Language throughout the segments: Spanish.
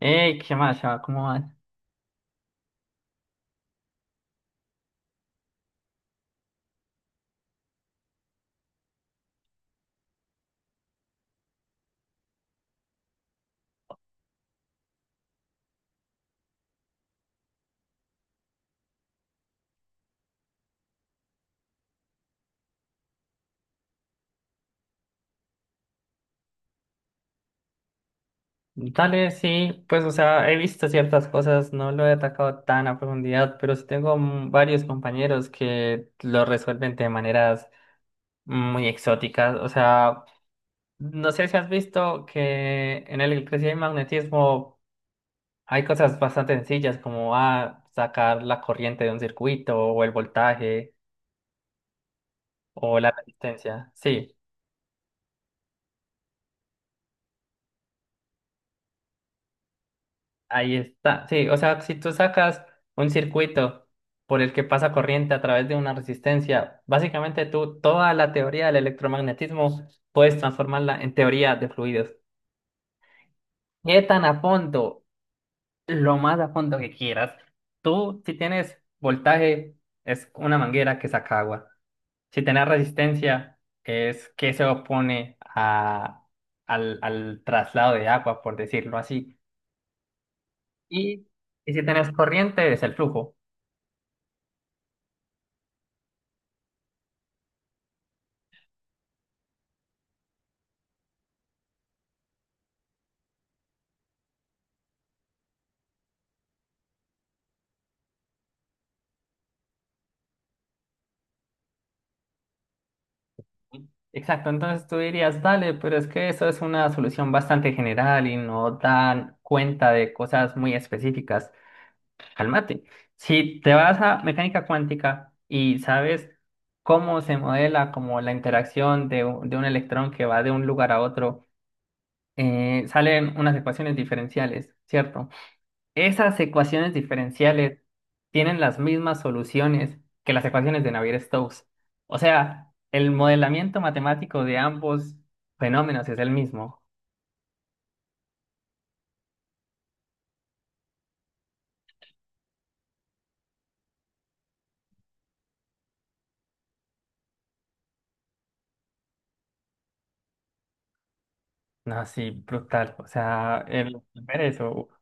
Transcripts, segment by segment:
Ey, ¿qué más, chava? ¿Cómo vas? Dale, sí, pues, o sea, he visto ciertas cosas, no lo he atacado tan a profundidad, pero sí tengo varios compañeros que lo resuelven de maneras muy exóticas. O sea, no sé si has visto que en el electricidad y magnetismo hay cosas bastante sencillas, como sacar la corriente de un circuito, o el voltaje, o la resistencia. Sí. Ahí está. Sí, o sea, si tú sacas un circuito por el que pasa corriente a través de una resistencia, básicamente tú toda la teoría del electromagnetismo puedes transformarla en teoría de fluidos. ¿Qué tan a fondo? Lo más a fondo que quieras. Tú, si tienes voltaje, es una manguera que saca agua. Si tienes resistencia, es que se opone a, al, al traslado de agua, por decirlo así. Y, y si tienes corriente, es el flujo. Exacto, entonces tú dirías, dale, pero es que eso es una solución bastante general y no dan cuenta de cosas muy específicas. Cálmate. Si te vas a mecánica cuántica y sabes cómo se modela como la interacción de, de un electrón que va de un lugar a otro, salen unas ecuaciones diferenciales, ¿cierto? Esas ecuaciones diferenciales tienen las mismas soluciones que las ecuaciones de Navier-Stokes. O sea, el modelamiento matemático de ambos fenómenos es el mismo. No, sí, brutal. O sea, el ver eso. Ok,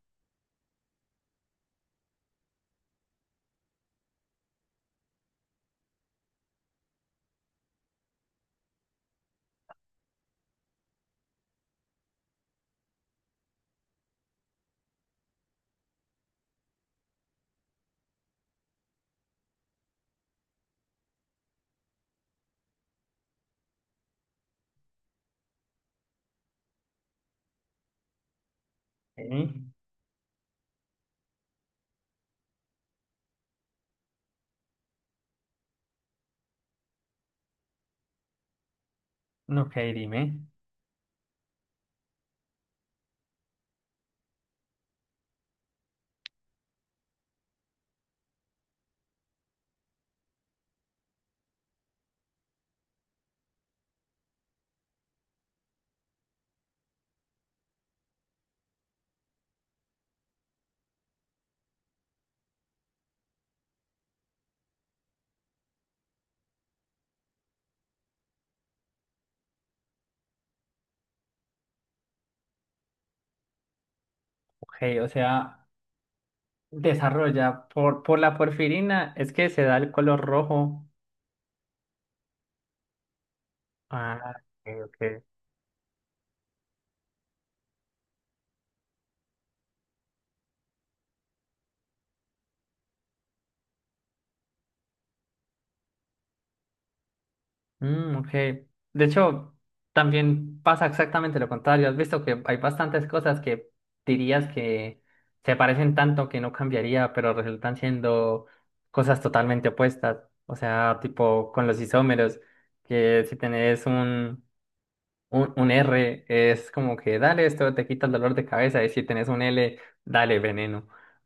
no, ok, dime. Ok, o sea, desarrolla por la porfirina, es que se da el color rojo. Ah, ok, ok. Mm, ok. De hecho, también pasa exactamente lo contrario. Has visto que hay bastantes cosas que dirías que se parecen tanto que no cambiaría, pero resultan siendo cosas totalmente opuestas. O sea, tipo con los isómeros, que si tenés un R, es como que dale, esto te quita el dolor de cabeza, y si tenés un L, dale, veneno.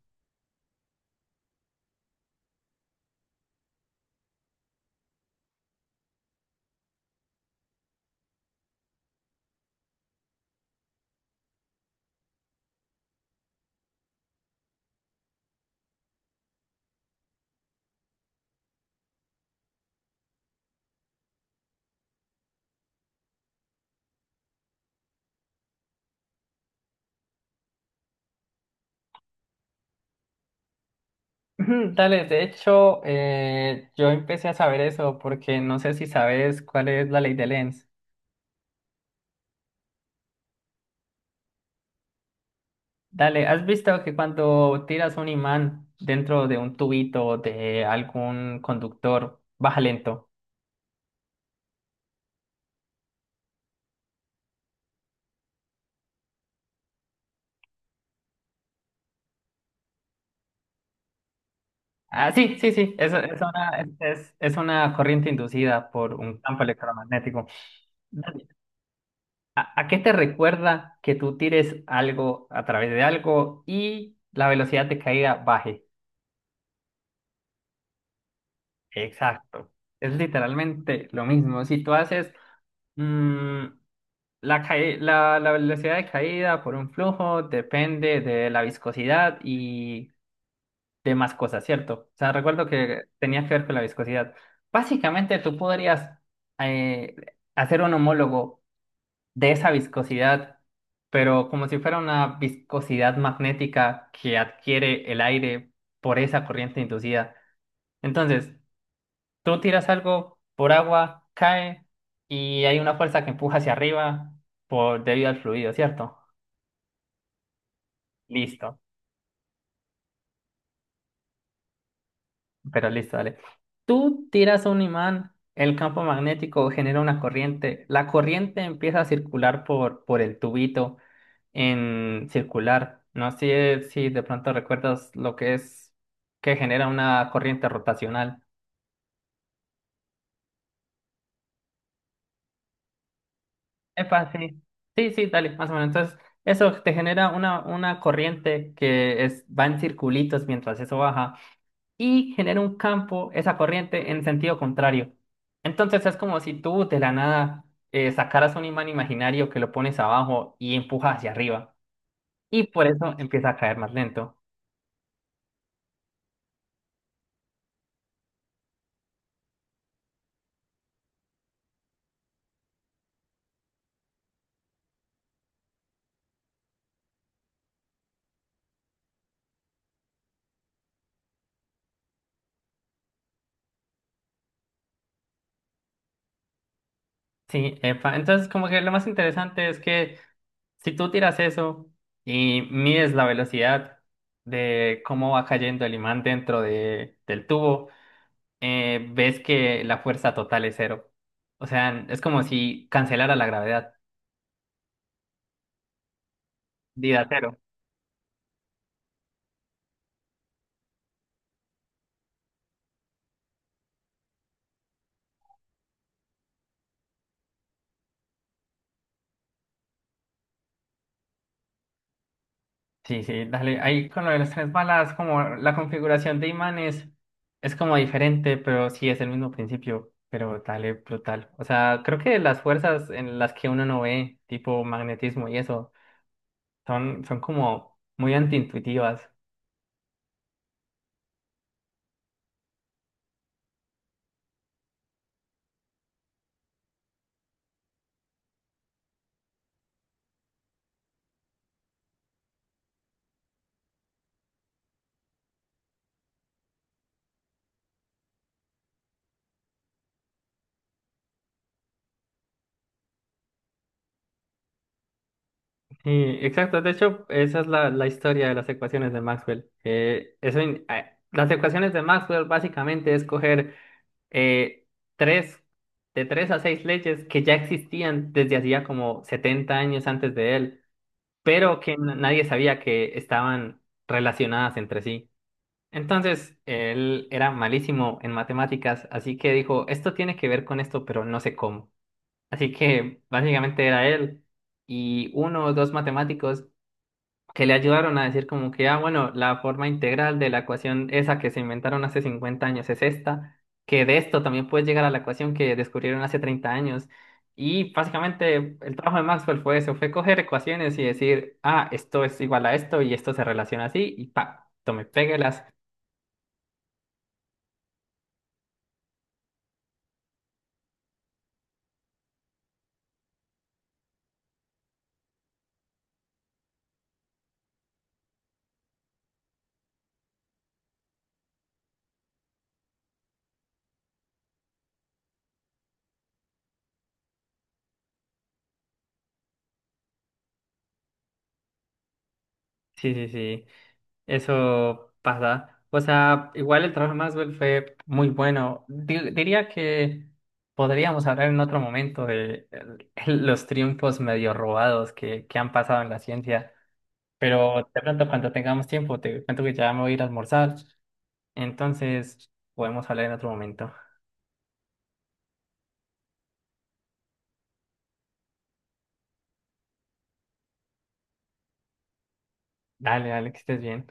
Ujú, dale, de hecho, yo empecé a saber eso porque no sé si sabes cuál es la ley de Lenz. Dale, ¿has visto que cuando tiras un imán dentro de un tubito de algún conductor, baja lento? Ah, sí, sí, sí, eso es una, es, es una corriente inducida por un campo electromagnético. Dale, ¿a, a qué te recuerda que tú tires algo a través de algo y la velocidad de caída baje? Exacto, es literalmente lo mismo. Si tú haces... mm, la, la, la velocidad de caída por un flujo depende de la viscosidad y demás cosas, ¿cierto? O sea, recuerdo que tenía que ver con la viscosidad. Básicamente, tú podrías eh, hacer un homólogo de esa viscosidad, pero como si fuera una viscosidad magnética que adquiere el aire por esa corriente inducida. Entonces, tú tiras algo por agua, cae y hay una fuerza que empuja hacia arriba por, debido al fluido, ¿cierto? Listo, pero listo, dale. Tú tiras un imán, el campo magnético genera una corriente, la corriente empieza a circular por el tubito en circular. No sé si de pronto recuerdas lo que es que genera una corriente rotacional. Epa, sí. Sí, sí, dale, más o menos. Entonces, eso te genera una corriente que es, va en circulitos mientras eso baja. Y genera un campo, esa corriente, en sentido contrario. Entonces es como si tú de la nada sacaras un imán imaginario que lo pones abajo y empujas hacia arriba. Y por eso empieza a caer más lento. Sí, epa. Entonces como que lo más interesante es que si tú tiras eso y mides la velocidad de cómo va cayendo el imán dentro de, del tubo, ves que la fuerza total es cero. O sea, es como si cancelara la gravedad. Vida cero. Sí, sí, dale. Ahí con lo de las tres balas, como la configuración de imanes es como diferente, pero sí es el mismo principio. Pero dale, brutal. O sea, creo que las fuerzas en las que uno no ve, tipo magnetismo y eso, son, son como muy antiintuitivas. Sí, exacto. De hecho, esa es la, la historia de las ecuaciones de Maxwell. Las ecuaciones de Maxwell básicamente es coger eh, tres, de tres a seis leyes que ya existían desde hacía como 70 años antes de él, pero que nadie sabía que estaban relacionadas entre sí. Entonces, él era malísimo en matemáticas, así que dijo, esto tiene que ver con esto, pero no sé cómo. Así que básicamente era él y uno o dos matemáticos que le ayudaron a decir como que, ah, bueno, la forma integral de la ecuación esa que se inventaron hace 50 años es esta, que de esto también puedes llegar a la ecuación que descubrieron hace 30 años. Y básicamente el trabajo de Maxwell fue eso, fue coger ecuaciones y decir, ah, esto es igual a esto y esto se relaciona así y pa, tome, péguelas. Sí, sí, sí. Eso pasa. O sea, igual el trabajo de Maxwell fue muy bueno. Diría que podríamos hablar en otro momento de los triunfos medio robados que han pasado en la ciencia. Pero de pronto cuando tengamos tiempo, te cuento que ya me voy a ir a almorzar. Entonces, podemos hablar en otro momento. Dale, dale, que estés bien.